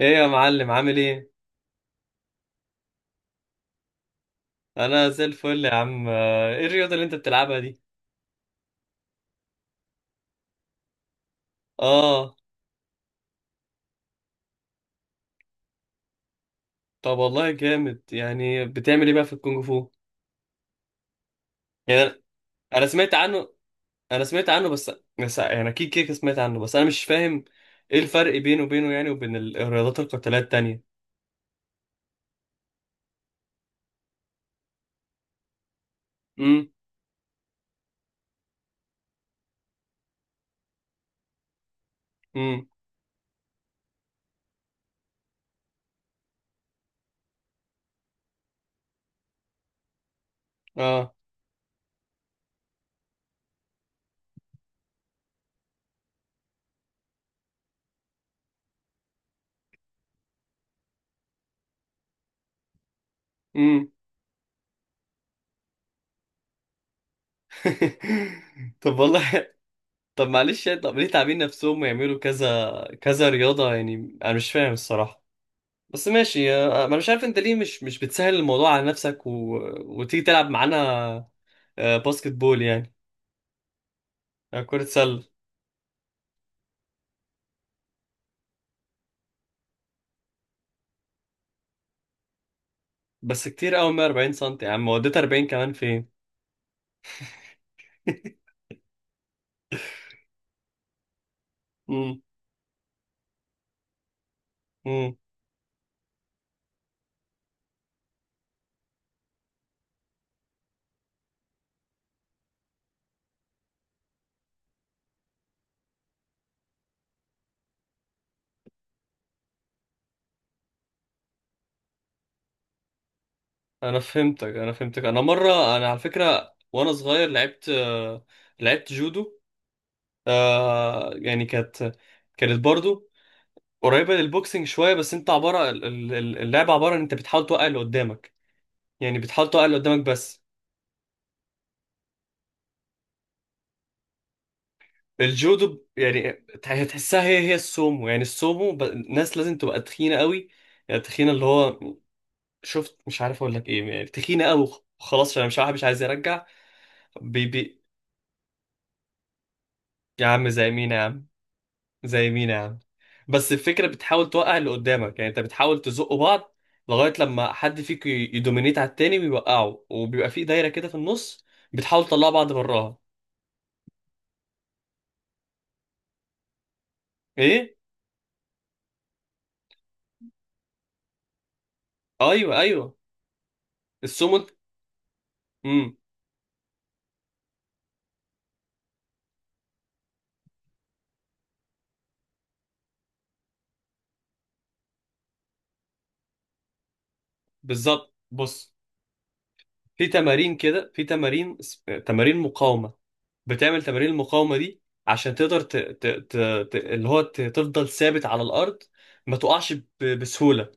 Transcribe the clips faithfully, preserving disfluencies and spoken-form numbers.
ايه يا معلم؟ عامل ايه؟ انا زي الفل يا عم. آه، ايه الرياضه اللي انت بتلعبها دي؟ اه. طب والله جامد، يعني بتعمل ايه بقى في الكونغ فو؟ يعني انا أنا سمعت عنه. انا سمعت عنه بس بس يعني اكيد كده كده سمعت عنه، بس انا مش فاهم ايه الفرق بينه وبينه يعني وبين ال- الرياضات القتاليه التانية. امم. امم. اه. امم. طب والله. طب معلش يعني، طب ليه تعبين نفسهم ويعملوا كذا كذا رياضه؟ يعني انا مش فاهم الصراحه، بس ماشي. آه، انا مش عارف انت ليه مش مش بتسهل الموضوع على نفسك و... وتيجي تلعب معانا، آه، باسكت بول يعني، آه، كرة سلة. بس كتير قوي مية وأربعين سم يا عم، وديت أربعين كمان فين؟ امم. امم. انا فهمتك انا فهمتك. انا مره انا على فكره وانا صغير لعبت، آه، لعبت جودو. آه، يعني كانت كانت برضو قريبه للبوكسنج شويه. بس انت عباره ال- ال- ال- اللعبه عباره ان انت بتحاول توقع اللي قدامك، يعني بتحاول توقع اللي قدامك بس. الجودو ب- يعني تح- تحسها هي هي السومو. يعني السومو ب... الناس لازم تبقى تخينه قوي، يعني تخينه اللي هو، شفت، مش عارف اقول لك ايه، يعني تخينه قوي. خلاص انا مش عارف، مش عايز يرجع. بي بي. يا عم زي مين يا عم؟ زي مين يا عم بس الفكره بتحاول توقع اللي قدامك، يعني انت بتحاول تزقوا بعض لغايه لما حد فيك ي- يدومينيت على التاني ويوقعه، وبيبقى في دايره كده في النص بتحاول تطلع بعض براها. ايه؟ ايوه، ايوه. السومو. امم. بالظبط، بص. في تمارين كده، في تمارين اس- تمارين مقاومة. بتعمل تمارين المقاومة دي عشان تقدر ت... ت... ت... ت... اللي هو ت... تفضل ثابت على الأرض، ما تقعش ب... بسهولة.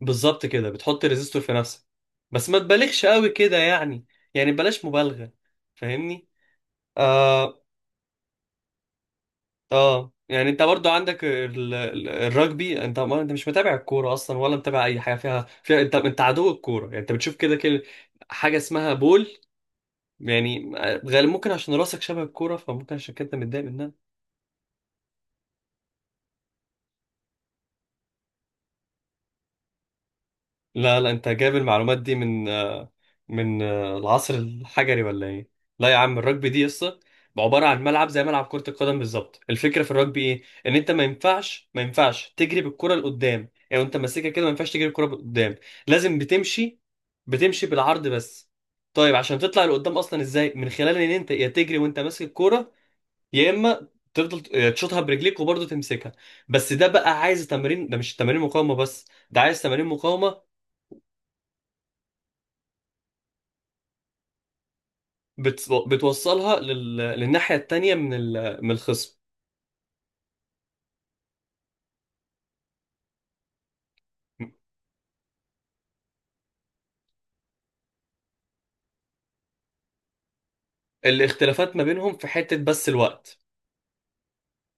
بالظبط كده بتحط ريزيستور في نفسك، بس ما تبالغش قوي كده يعني. يعني بلاش مبالغة. فاهمني؟ آه. آه يعني انت برضو عندك ال... ال- الرجبي. انت، ما انت مش متابع الكورة اصلا ولا متابع اي حاجة فيها فيها، انت انت عدو الكورة يعني. انت بتشوف كده كده حاجة اسمها بول، يعني. آه، غالبا ممكن عشان راسك شبه الكورة فممكن عشان كده انت متضايق منها. لا لا، انت جايب المعلومات دي من آه، من آه، العصر الحجري ولا ايه؟ لا يا عم، الرugby دي قصة. عبارة عن ملعب زي ملعب كرة القدم بالظبط. الفكرة في الرugby ايه؟ ان انت ما ينفعش ما ينفعش تجري بالكرة لقدام يعني، وانت ماسكها كده ما ينفعش تجري بالكرة لقدام. لازم بتمشي بتمشي بالعرض بس. طيب عشان تطلع لقدام اصلا ازاي؟ من خلال ان انت يا تجري وانت ماسك الكوره، يا اما تفضل تشوطها برجليك وبرضه تمسكها. بس ده بقى عايز تمارين، ده مش تمارين مقاومه بس، ده عايز تمارين مقاومه. بتس- بتوصلها لل... للناحيه التانيه من ال... من الخصم. الاختلافات ما بينهم في حته، بس الوقت.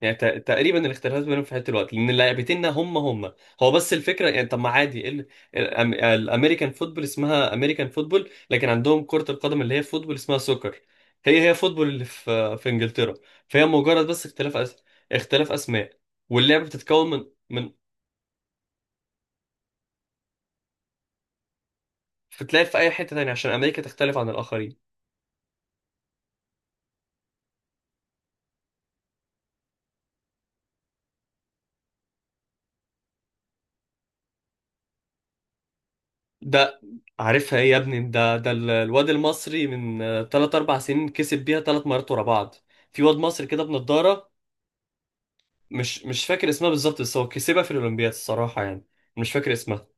يعني ت- تقريبا الاختلاف بينهم في حته الوقت، لان اللاعبتين هم هم. هو بس الفكره يعني. طب ما عادي، إيه ال- الأم- الامريكان فوتبول اسمها امريكان فوتبول، لكن عندهم كره القدم اللي هي فوتبول اسمها سوكر. هي هي فوتبول اللي في في انجلترا. فهي مجرد بس اختلاف أس... اختلاف اسماء. واللعبه بتتكون من من. بتتلعب في اي حته تانية عشان امريكا تختلف عن الاخرين. ده، عارفها ايه يا ابني؟ ده ده ال- الواد المصري من ثلاثة أربعة سنين كسب بيها ثلاث مرات ورا بعض. في واد مصري كده بنضاره. مش مش فاكر اسمها بالظبط، بس هو كسبها في الأولمبياد الصراحة يعني. مش فاكر اسمها.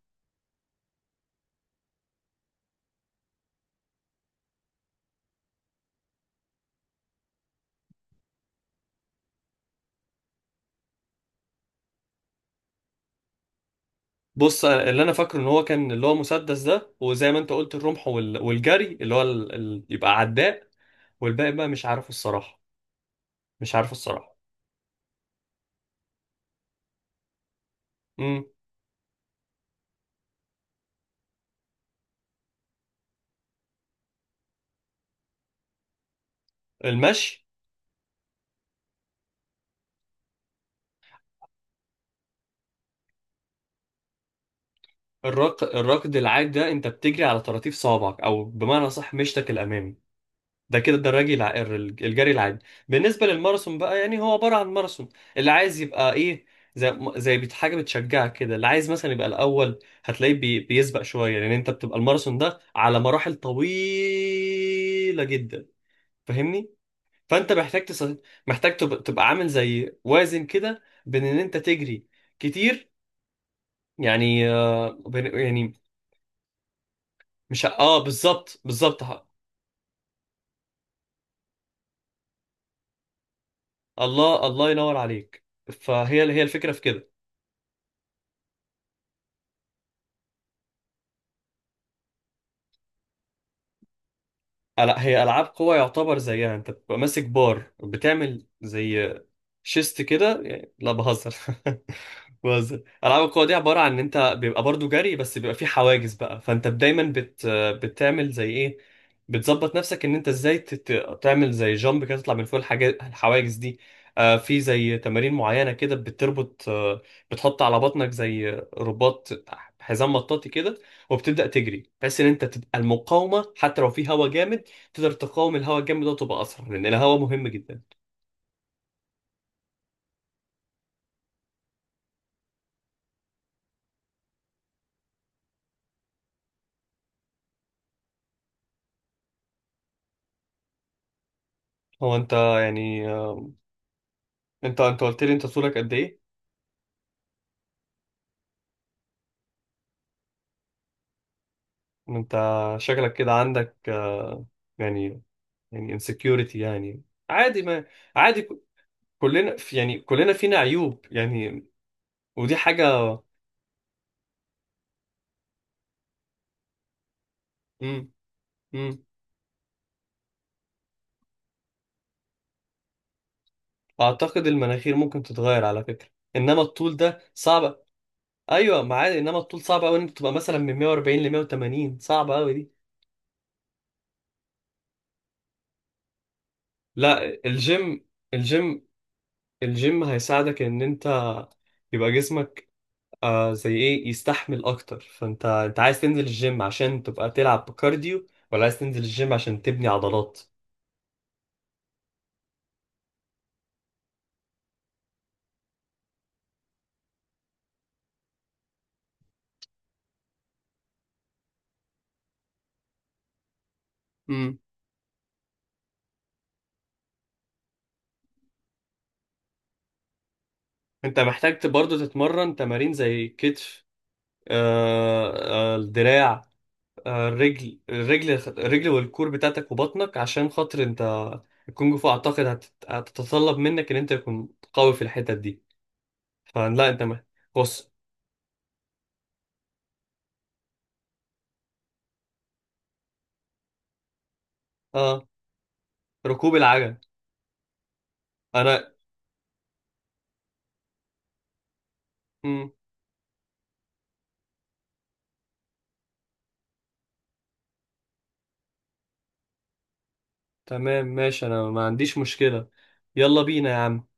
بص، أنا- اللي انا فاكره ان هو كان، اللي هو مسدس ده، وزي ما انت قلت الرمح، وال... والجري اللي هو ال... ال... يبقى عداء. والباقي بقى مش عارفه الصراحة. مش عارفه الصراحة. امم. المشي. الرق... الركض العادي ده انت بتجري على طراطيف صوابعك، او بمعنى صح، مشتك الأمامي. ده كده الدراجي الع... الجري العادي. بالنسبة للماراثون بقى، يعني هو عبارة عن ماراثون اللي عايز يبقى ايه، زي زي بت- حاجة بتشجعك كده. اللي عايز مثلا يبقى الأول هتلاقيه بي... بيسبق شوية، لأن أنت بتبقى الماراثون ده على مراحل طويلة جدا. فاهمني؟ فأنت محتاج تس... محتاج تب... تبقى عامل زي وازن كده بين إن أنت تجري كتير، يعني آه، بين... يعني، مش ه- اه، بالظبط، بالظبط ه- الله، الله ينور عليك. فهي هي الفكرة في كده. لا، هي العاب قوى يعتبر زيها انت بتبقى ماسك بار، بتعمل زي شيست كده يعني- لا، بهزر. بهزر. العاب القوى دي عباره عن ان انت بيبقى برضو جري، بس بيبقى فيه حواجز بقى، فانت دايما بت بتعمل زي ايه؟ بتظبط نفسك ان انت ازاي تت... تعمل زي جامب كده، تطلع من فوق الحاجات الحواجز دي. آه، في زي تمارين معينه كده بتربط، آه بتحط على بطنك زي رباط، حزام مطاطي كده، وبتبدا تجري بحيث ان انت تبقى المقاومه، حتى لو في هوا جامد تقدر تقاوم الهواء الجامد ده وتبقى اسرع، لان الهواء مهم جدا. هو انت يعني، آه، انت انت قلت لي انت طولك قد ايه؟ انت شكلك كده عندك، آه، يعني يعني insecurity يعني، عادي. ما عادي ك- كلنا في يعني كلنا فينا عيوب يعني، ودي حاجة. مم. مم. اعتقد المناخير ممكن تتغير على فكرة، انما الطول ده صعب. ايوه ما عادي، انما الطول صعب قوي ان انت تبقى مثلا من مية وأربعين ل مية وتمانين، صعب قوي دي. لا، الجيم الجيم الجيم هيساعدك ان انت يبقى جسمك، آه زي ايه، يستحمل اكتر. فانت انت عايز تنزل الجيم عشان تبقى تلعب بكارديو، ولا عايز تنزل الجيم عشان تبني عضلات؟ امم. انت محتاج ت- برضه تتمرن تمارين زي كتف، آه آه الدراع، آه الرجل الرجل، الرجل والكور بتاعتك وبطنك، عشان خاطر انت الكونج فو اعتقد هت- هتتطلب منك ان انت تكون قوي في الحتت دي. فلا، انت مح- بص. آه ركوب العجل. انا، تمام ماشي، انا ما عنديش مشكلة. يلا بينا يا عم.